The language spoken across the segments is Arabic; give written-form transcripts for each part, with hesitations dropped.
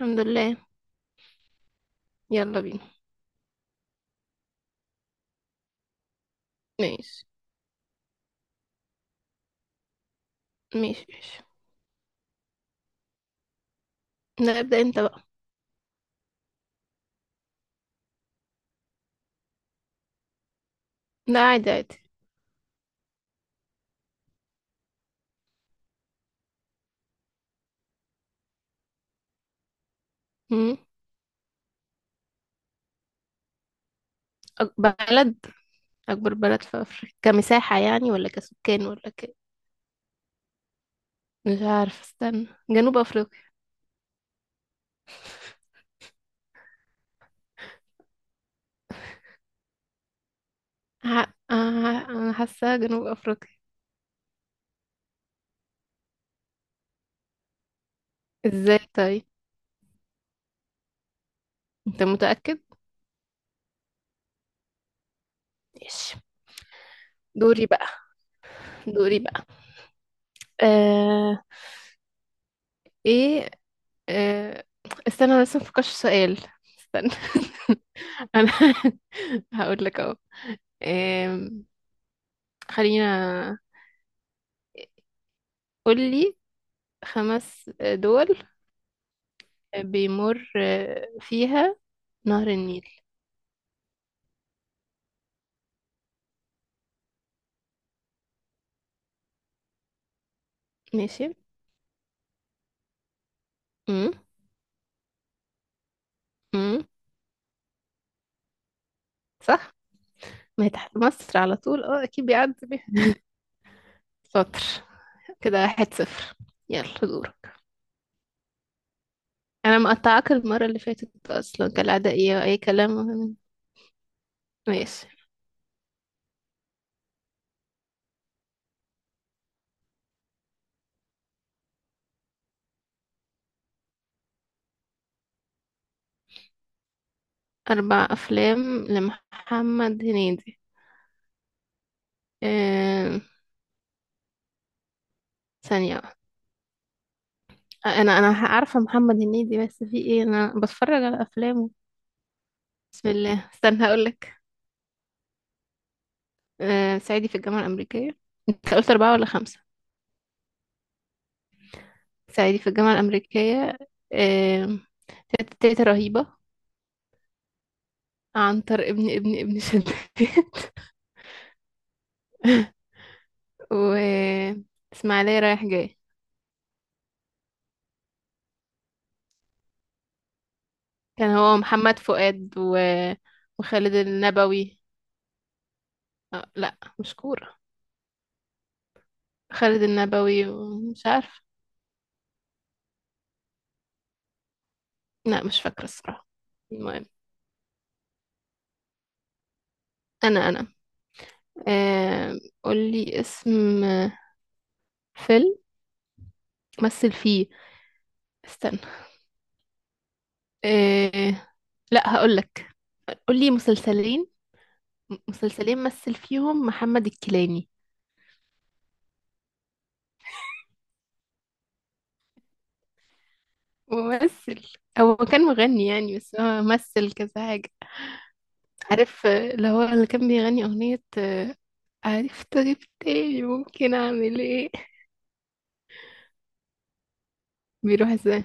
الحمد لله. يلا بينا. ماشي، ماشي، ماشي. لا، ابدأ انت بقى. لا، عادي، عادي. مم. أك- بلد أكبر بلد في أفريقيا، كمساحة يعني ولا كسكان ولا ك، مش عارفة، استنى، جنوب أفريقيا. ه... آه، أنا حاسة جنوب أفريقيا. ازاي طيب؟ انت متأكد؟ ماشي. دوري بقى، دوري بقى. آه... ايه؟ آه... استنى، أنا لسه مفكرش في سؤال. استنى انا هقول لك اهو. آم، خلينا، قولي خمس دول بيمر فيها نهر النيل. ماشي. امم. امم. صح. ما هي تحت مصر على طول، اه اكيد بيعدي بيها. شاطر. كده 1-0. يلا دورك. انا مقطعاك المرة اللي فاتت اصلا، كالعادة ايه اي كلام. ماشي. اربع افلام لمحمد هنيدي. أم... ثانية واحدة. انا عارفة محمد هنيدي، بس في ايه انا بتفرج على افلامه؟ بسم الله، استنى هقولك. صعيدي في الجامعة الأمريكية. انت قلت أربعة ولا خمسة؟ صعيدي في الجامعة الأمريكية. آه، تيتا تيتا رهيبة. عنتر ابن ابن ابن شداد. و إسماعيلية رايح جاي. كان هو محمد فؤاد و... وخالد النبوي. لا مش كورة. خالد النبوي ومش عارف. لا مش فاكرة الصراحة. المهم. أنا. قولي اسم فيلم مثل فيه. استنى. آه، لا هقولك. قولي مسلسلين. مسلسلين مثل فيهم محمد الكيلاني. ممثل. هو كان مغني يعني، بس هو مثل كذا حاجة. عارف؟ اللي هو اللي كان بيغني أغنية. عرفت غيب تاني، ممكن أعمل إيه؟ بيروح إزاي؟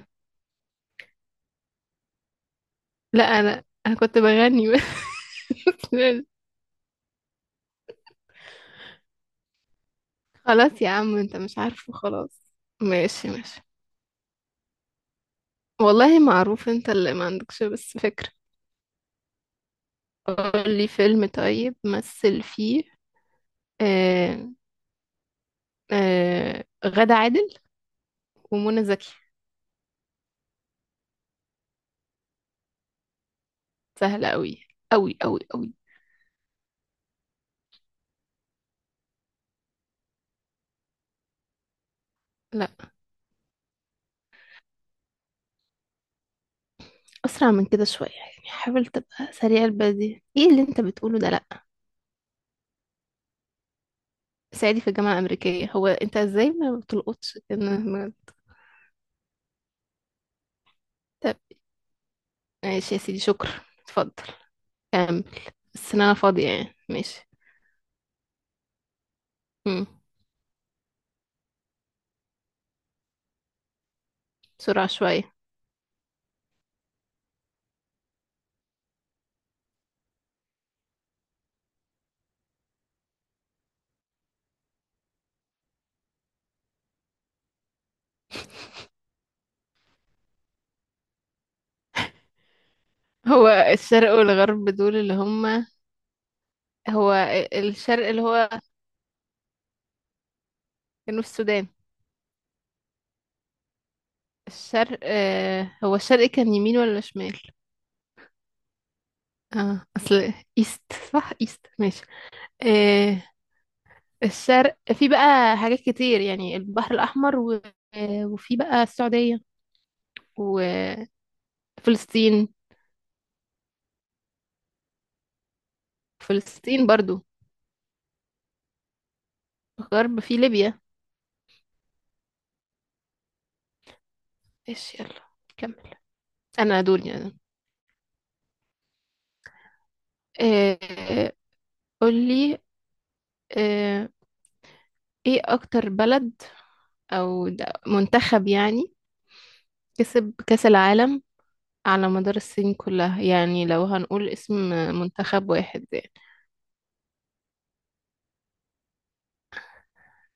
لا أنا كنت بغني بس. خلاص يا عم، أنت مش عارفه، خلاص. ماشي، ماشي. والله معروف، أنت اللي ما عندكش بس فكرة. قولي فيلم طيب مثل فيه. آه، غادة عادل ومنى زكي. سهلة قوي، قوي قوي قوي. لا. أسرع من كده شوية يعني، حاول تبقى سريع البديهة، ايه اللي انت بتقوله ده؟ لا. صعيدي في الجامعة الأمريكية، هو انت ازاي ما بتلقطش طب؟ ماشي يا سيدي، شكرا. اتفضل، كمل، بس إن انا فاضية يعني. ماشي. مم. بسرعة شوية. هو الشرق والغرب، دول اللي هما هو الشرق اللي هو جنوب السودان. الشرق، هو الشرق كان يمين ولا شمال؟ اه اصل ايست. صح، ايست، ماشي. آه الشرق في بقى حاجات كتير يعني، البحر الاحمر و... وفي بقى السعوديه وفلسطين. فلسطين برضو. الغرب في ليبيا. ايش يلا كمل، انا دول يعني. آه قولي. آه ايه اكتر بلد او منتخب يعني كسب كاس العالم على مدار السنين كلها، يعني لو هنقول اسم منتخب واحد يعني.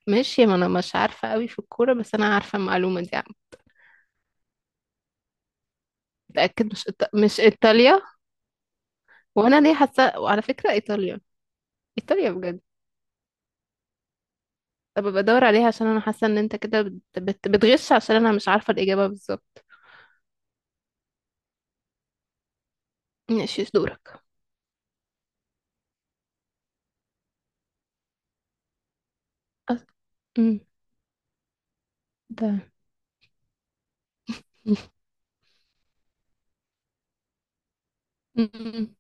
ماشي، ما انا مش عارفه قوي في الكوره، بس انا عارفه المعلومه دي يعني. متاكد؟ مش ايطاليا؟ وانا ليه حاسه، وعلى فكره ايطاليا. ايطاليا بجد؟ طب بدور عليها عشان انا حاسه ان انت كده بتغش، عشان انا مش عارفه الاجابه بالظبط. ماشي، دورك. أص- أمم، ده. أمم،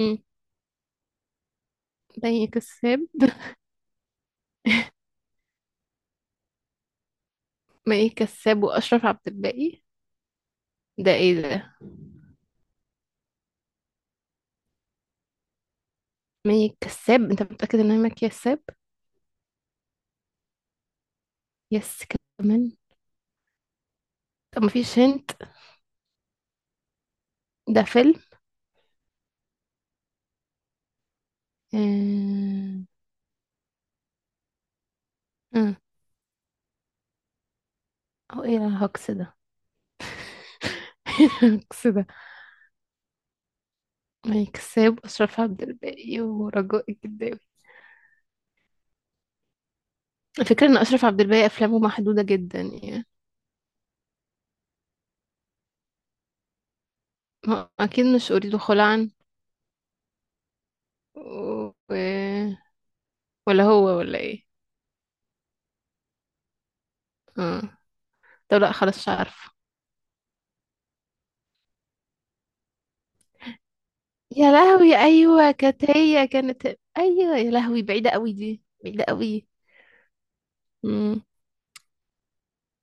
أمم. مي كساب. مي كساب واشرف عبد الباقي. ده ايه ده؟ مي كساب؟ انت متاكد ان هي مي كساب؟ يس. كمان. طب مفيش هنت. ده فيلم. آه، امم. هو ايه الهجص ده؟ إيه الهجص ده؟ كساب، اشرف عبد الباقي، ورجاء الجداوي. الفكره ان اشرف عبد الباقي افلامه محدوده جدا يعني. اكيد مش اريد خلعا. و... ولا هو ولا ايه. اه. طب لا خلاص، مش عارفه. يا لهوي ايوه كانت، هي كانت. ايوه يا لهوي، بعيده قوي، دي بعيده قوي. امم.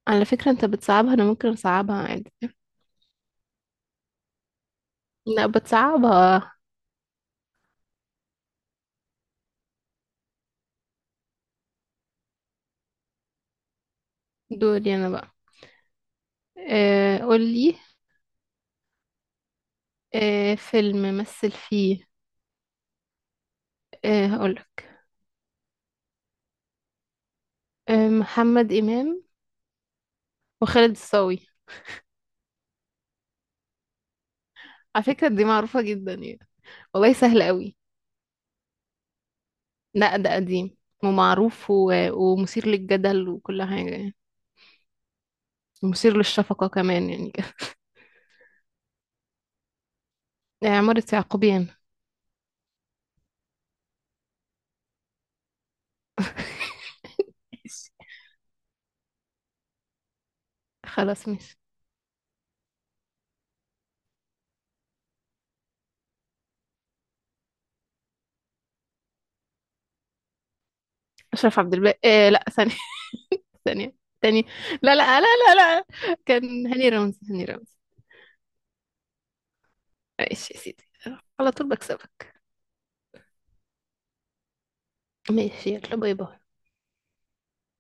على فكره انت بتصعبها، انا ممكن اصعبها عادي. لا، بتصعبها. دوري انا بقى. قولي. فيلم مثل فيه. هقولك. محمد إمام وخالد الصاوي. على فكرة دي معروفة جدا يعني. والله سهل قوي. لا ده قديم ومعروف و... ومثير للجدل وكل حاجة يعني. ومثير للشفقة كمان يعني كده. عمارة يعقوبيان. خلاص، ماشي. أشرف عبد الباقي لا، ثانية. ثانية، تاني. لا، لا، لا. لا. لا. كان هاني رمزي، هاني رمزي. ماشي يا سيدي. على طول بكسبك. ماشي، يلا، باي باي.